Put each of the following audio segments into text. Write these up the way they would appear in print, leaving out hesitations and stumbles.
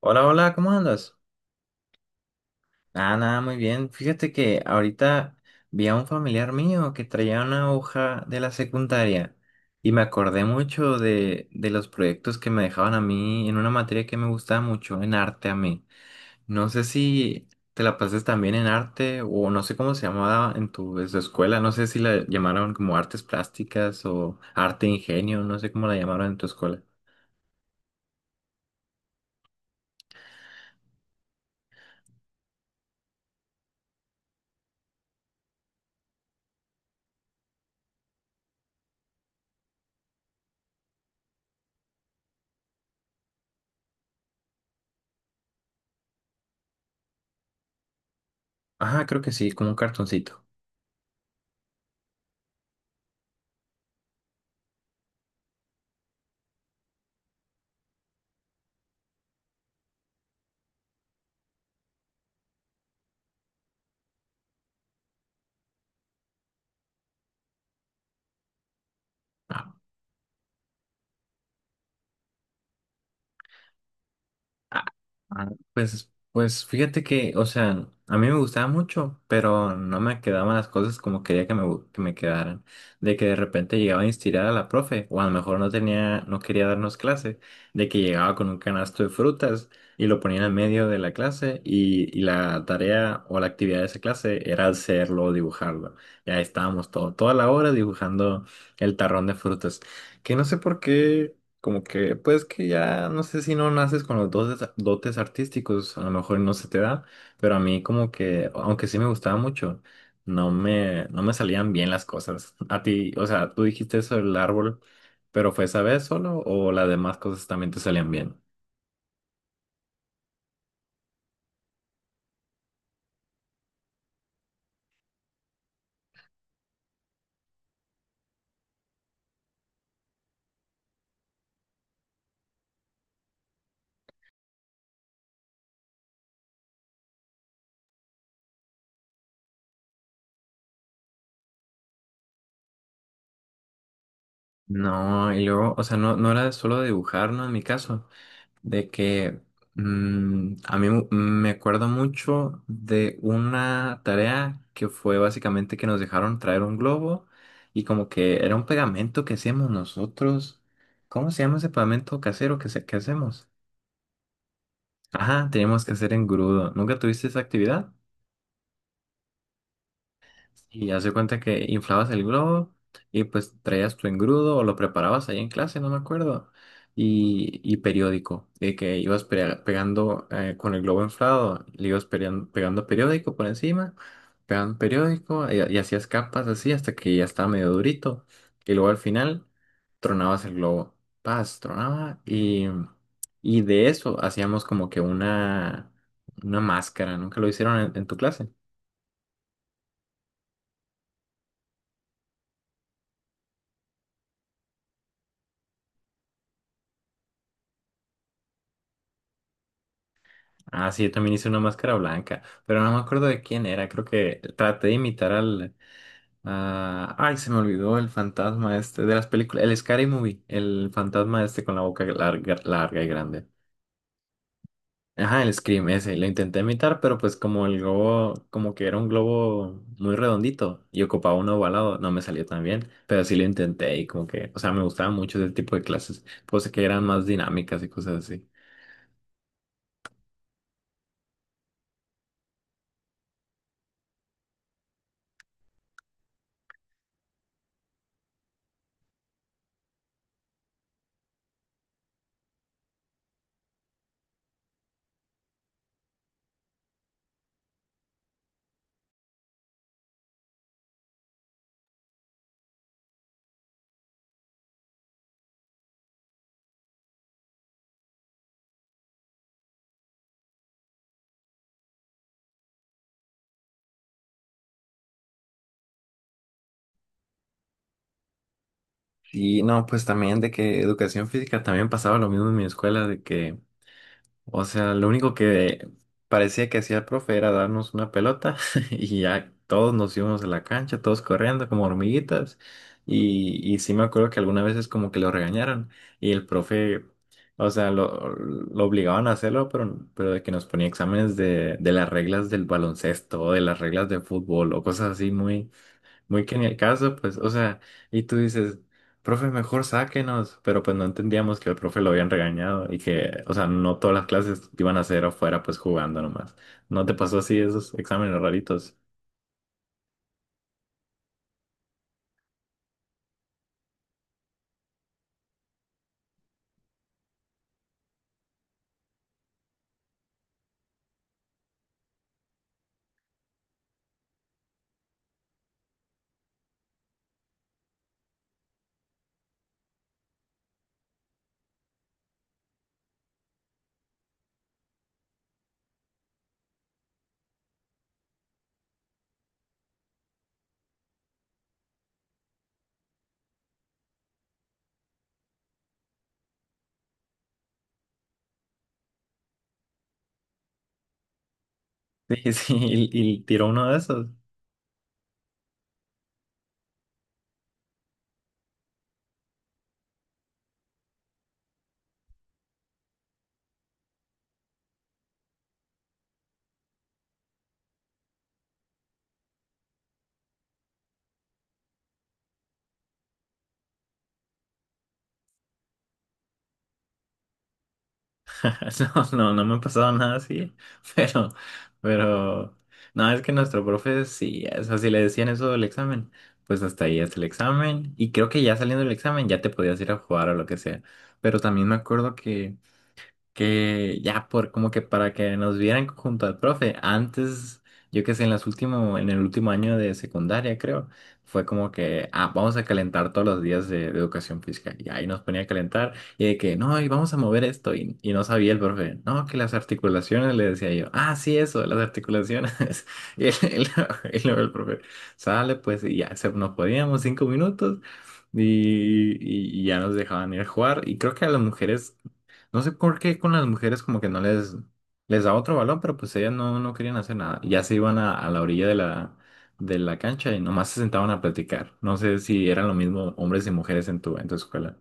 Hola, hola, ¿cómo andas? Ah, nada, muy bien. Fíjate que ahorita vi a un familiar mío que traía una hoja de la secundaria y me acordé mucho de los proyectos que me dejaban a mí en una materia que me gustaba mucho, en arte a mí. No sé si te la pases también en arte o no sé cómo se llamaba en tu escuela, no sé si la llamaron como artes plásticas o arte ingenio, no sé cómo la llamaron en tu escuela. Ajá, creo que sí, como un cartoncito. Ah, ah, Pues, pues fíjate que, o sea, a mí me gustaba mucho, pero no me quedaban las cosas como quería que me, que me quedaran. De que de repente llegaba a instigar a la profe, o a lo mejor no tenía, no quería darnos clase, de que llegaba con un canasto de frutas y lo ponía en el medio de la clase y la tarea o la actividad de esa clase era hacerlo, dibujarlo. Y ahí estábamos toda la hora dibujando el tarrón de frutas. Que no sé por qué. Como que, pues que ya, no sé si no naces con los dotes, dotes artísticos, a lo mejor no se te da, pero a mí como que, aunque sí me gustaba mucho, no me salían bien las cosas. A ti, o sea, tú dijiste eso del árbol, pero ¿fue esa vez solo o las demás cosas también te salían bien? No, y luego, o sea, no, no era solo dibujar, ¿no? En mi caso. De que a mí me acuerdo mucho de una tarea que fue básicamente que nos dejaron traer un globo y como que era un pegamento que hacíamos nosotros. ¿Cómo se llama ese pegamento casero que, que hacemos? Ajá, teníamos que hacer engrudo. ¿Nunca tuviste esa actividad? Y hace cuenta que inflabas el globo y pues traías tu engrudo o lo preparabas ahí en clase, no me acuerdo. Y periódico, de que ibas pegando con el globo inflado, le ibas pegando periódico por encima, pegando periódico y hacías capas así hasta que ya estaba medio durito. Y luego al final tronabas el globo. Paz, tronaba y de eso hacíamos como que una máscara. ¿Nunca lo hicieron en tu clase? Ah, sí, yo también hice una máscara blanca, pero no me acuerdo de quién era. Creo que traté de imitar al... Ay, se me olvidó el fantasma este de las películas. El Scary Movie, el fantasma este con la boca larga, larga y grande. Ajá, el Scream ese. Lo intenté imitar, pero pues como el globo, como que era un globo muy redondito y ocupaba uno ovalado, no me salió tan bien. Pero sí lo intenté y como que, o sea, me gustaba mucho ese tipo de clases. Pues que eran más dinámicas y cosas así. Y no, pues también de que educación física también pasaba lo mismo en mi escuela, de que, o sea, lo único que parecía que hacía el profe era darnos una pelota y ya todos nos íbamos a la cancha, todos corriendo como hormiguitas. Y sí me acuerdo que algunas veces como que lo regañaron y el profe, o sea, lo obligaban a hacerlo, pero de que nos ponía exámenes de las reglas del baloncesto o de las reglas de fútbol o cosas así muy muy que ni el caso, pues, o sea, y tú dices, profe, mejor sáquenos, pero pues no entendíamos que el profe lo habían regañado y que, o sea, no todas las clases iban a ser afuera, pues jugando nomás. ¿No te pasó así esos exámenes raritos? Sí, sí, y tiró uno de esos. No, no, no me ha pasado nada así, pero, pero, no, es que nuestro profe sí, o sea, si le decían eso del examen, pues hasta ahí es el examen, y creo que ya saliendo del examen ya te podías ir a jugar o lo que sea. Pero también me acuerdo que ya por como que para que nos vieran junto al profe. Antes, yo que sé, en las último, en el último año de secundaria, creo, fue como que, ah, vamos a calentar todos los días de educación física. Y ahí nos ponía a calentar y de que, no, y vamos a mover esto. Y no sabía el profe, no, que las articulaciones, le decía yo, ah, sí, eso, las articulaciones. Y, y luego el profe, sale, pues, y ya se, nos podíamos 5 minutos. Y, y ya nos dejaban ir a jugar. Y creo que a las mujeres no sé por qué con las mujeres como que no les, les da otro balón, pero pues ellas no, no querían hacer nada. Ya se iban a la orilla de de la cancha y nomás se sentaban a platicar. No sé si eran lo mismo hombres y mujeres en tu escuela.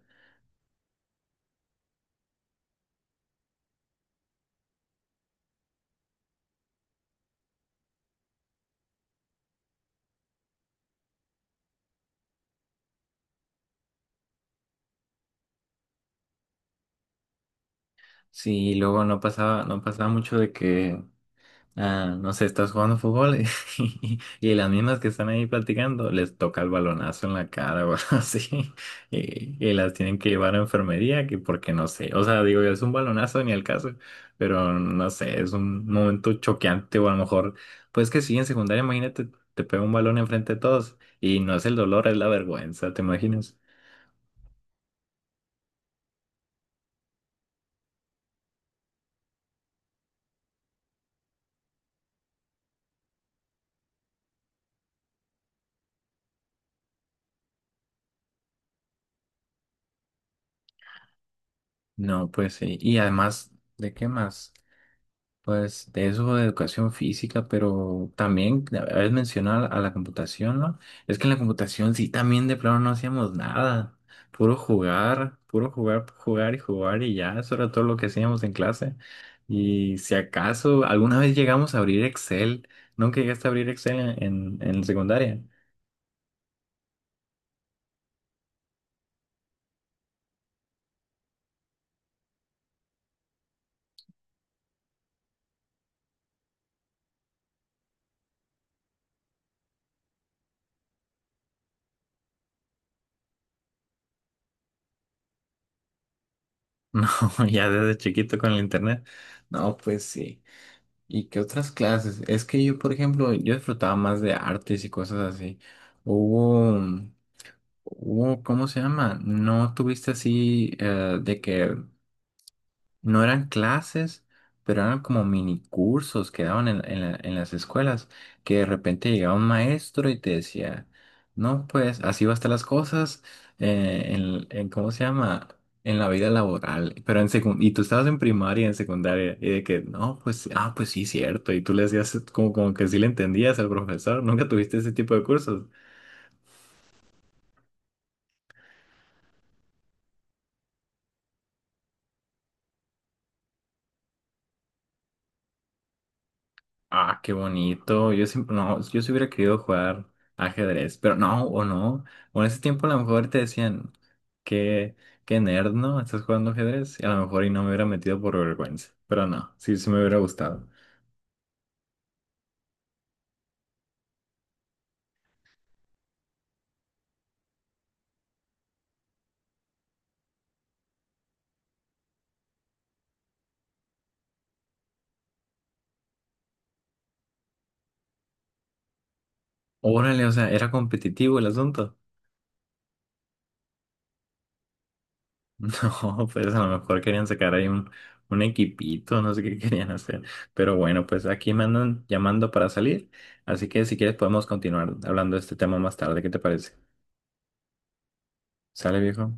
Sí, y luego no pasaba, no pasaba mucho de que Ah, no sé, estás jugando fútbol y, y las mismas que están ahí platicando les toca el balonazo en la cara o algo así y las tienen que llevar a enfermería que porque no sé, o sea, digo, es un balonazo ni el caso, pero no sé, es un momento choqueante o a lo mejor, pues que sí, en secundaria, imagínate, te pega un balón enfrente de todos y no es el dolor, es la vergüenza, ¿te imaginas? No, pues sí, y además, ¿de qué más? Pues de eso de educación física, pero también habéis mencionado a la computación, ¿no? Es que en la computación sí también de plano no hacíamos nada, puro jugar, jugar y jugar y ya, eso era todo lo que hacíamos en clase. Y si acaso alguna vez llegamos a abrir Excel, ¿nunca llegaste a abrir Excel en, en la secundaria? No, ya desde chiquito con el internet. No, pues sí. ¿Y qué otras clases? Es que yo, por ejemplo, yo disfrutaba más de artes y cosas así. Hubo, hubo, ¿cómo se llama? ¿No tuviste así de que no eran clases, pero eran como mini cursos que daban en, en las escuelas, que de repente llegaba un maestro y te decía, no, pues así va a estar las cosas en, ¿cómo se llama? En la vida laboral, pero en secund y tú estabas en primaria, en secundaria, y de que, no, pues, ah, pues sí, cierto, y tú le hacías como, como que sí le entendías al profesor, nunca tuviste ese tipo de cursos. Ah, qué bonito. Yo siempre, no, yo sí hubiera querido jugar ajedrez, pero no, o no. O en ese tiempo a lo mejor te decían, qué, qué nerd, ¿no? Estás jugando ajedrez. Y a lo mejor y no me hubiera metido por vergüenza. Pero no, sí, sí me hubiera gustado. Órale, o sea, era competitivo el asunto. No, pues a lo mejor querían sacar ahí un equipito, no sé qué querían hacer. Pero bueno, pues aquí me andan llamando para salir. Así que si quieres podemos continuar hablando de este tema más tarde. ¿Qué te parece? ¿Sale, viejo?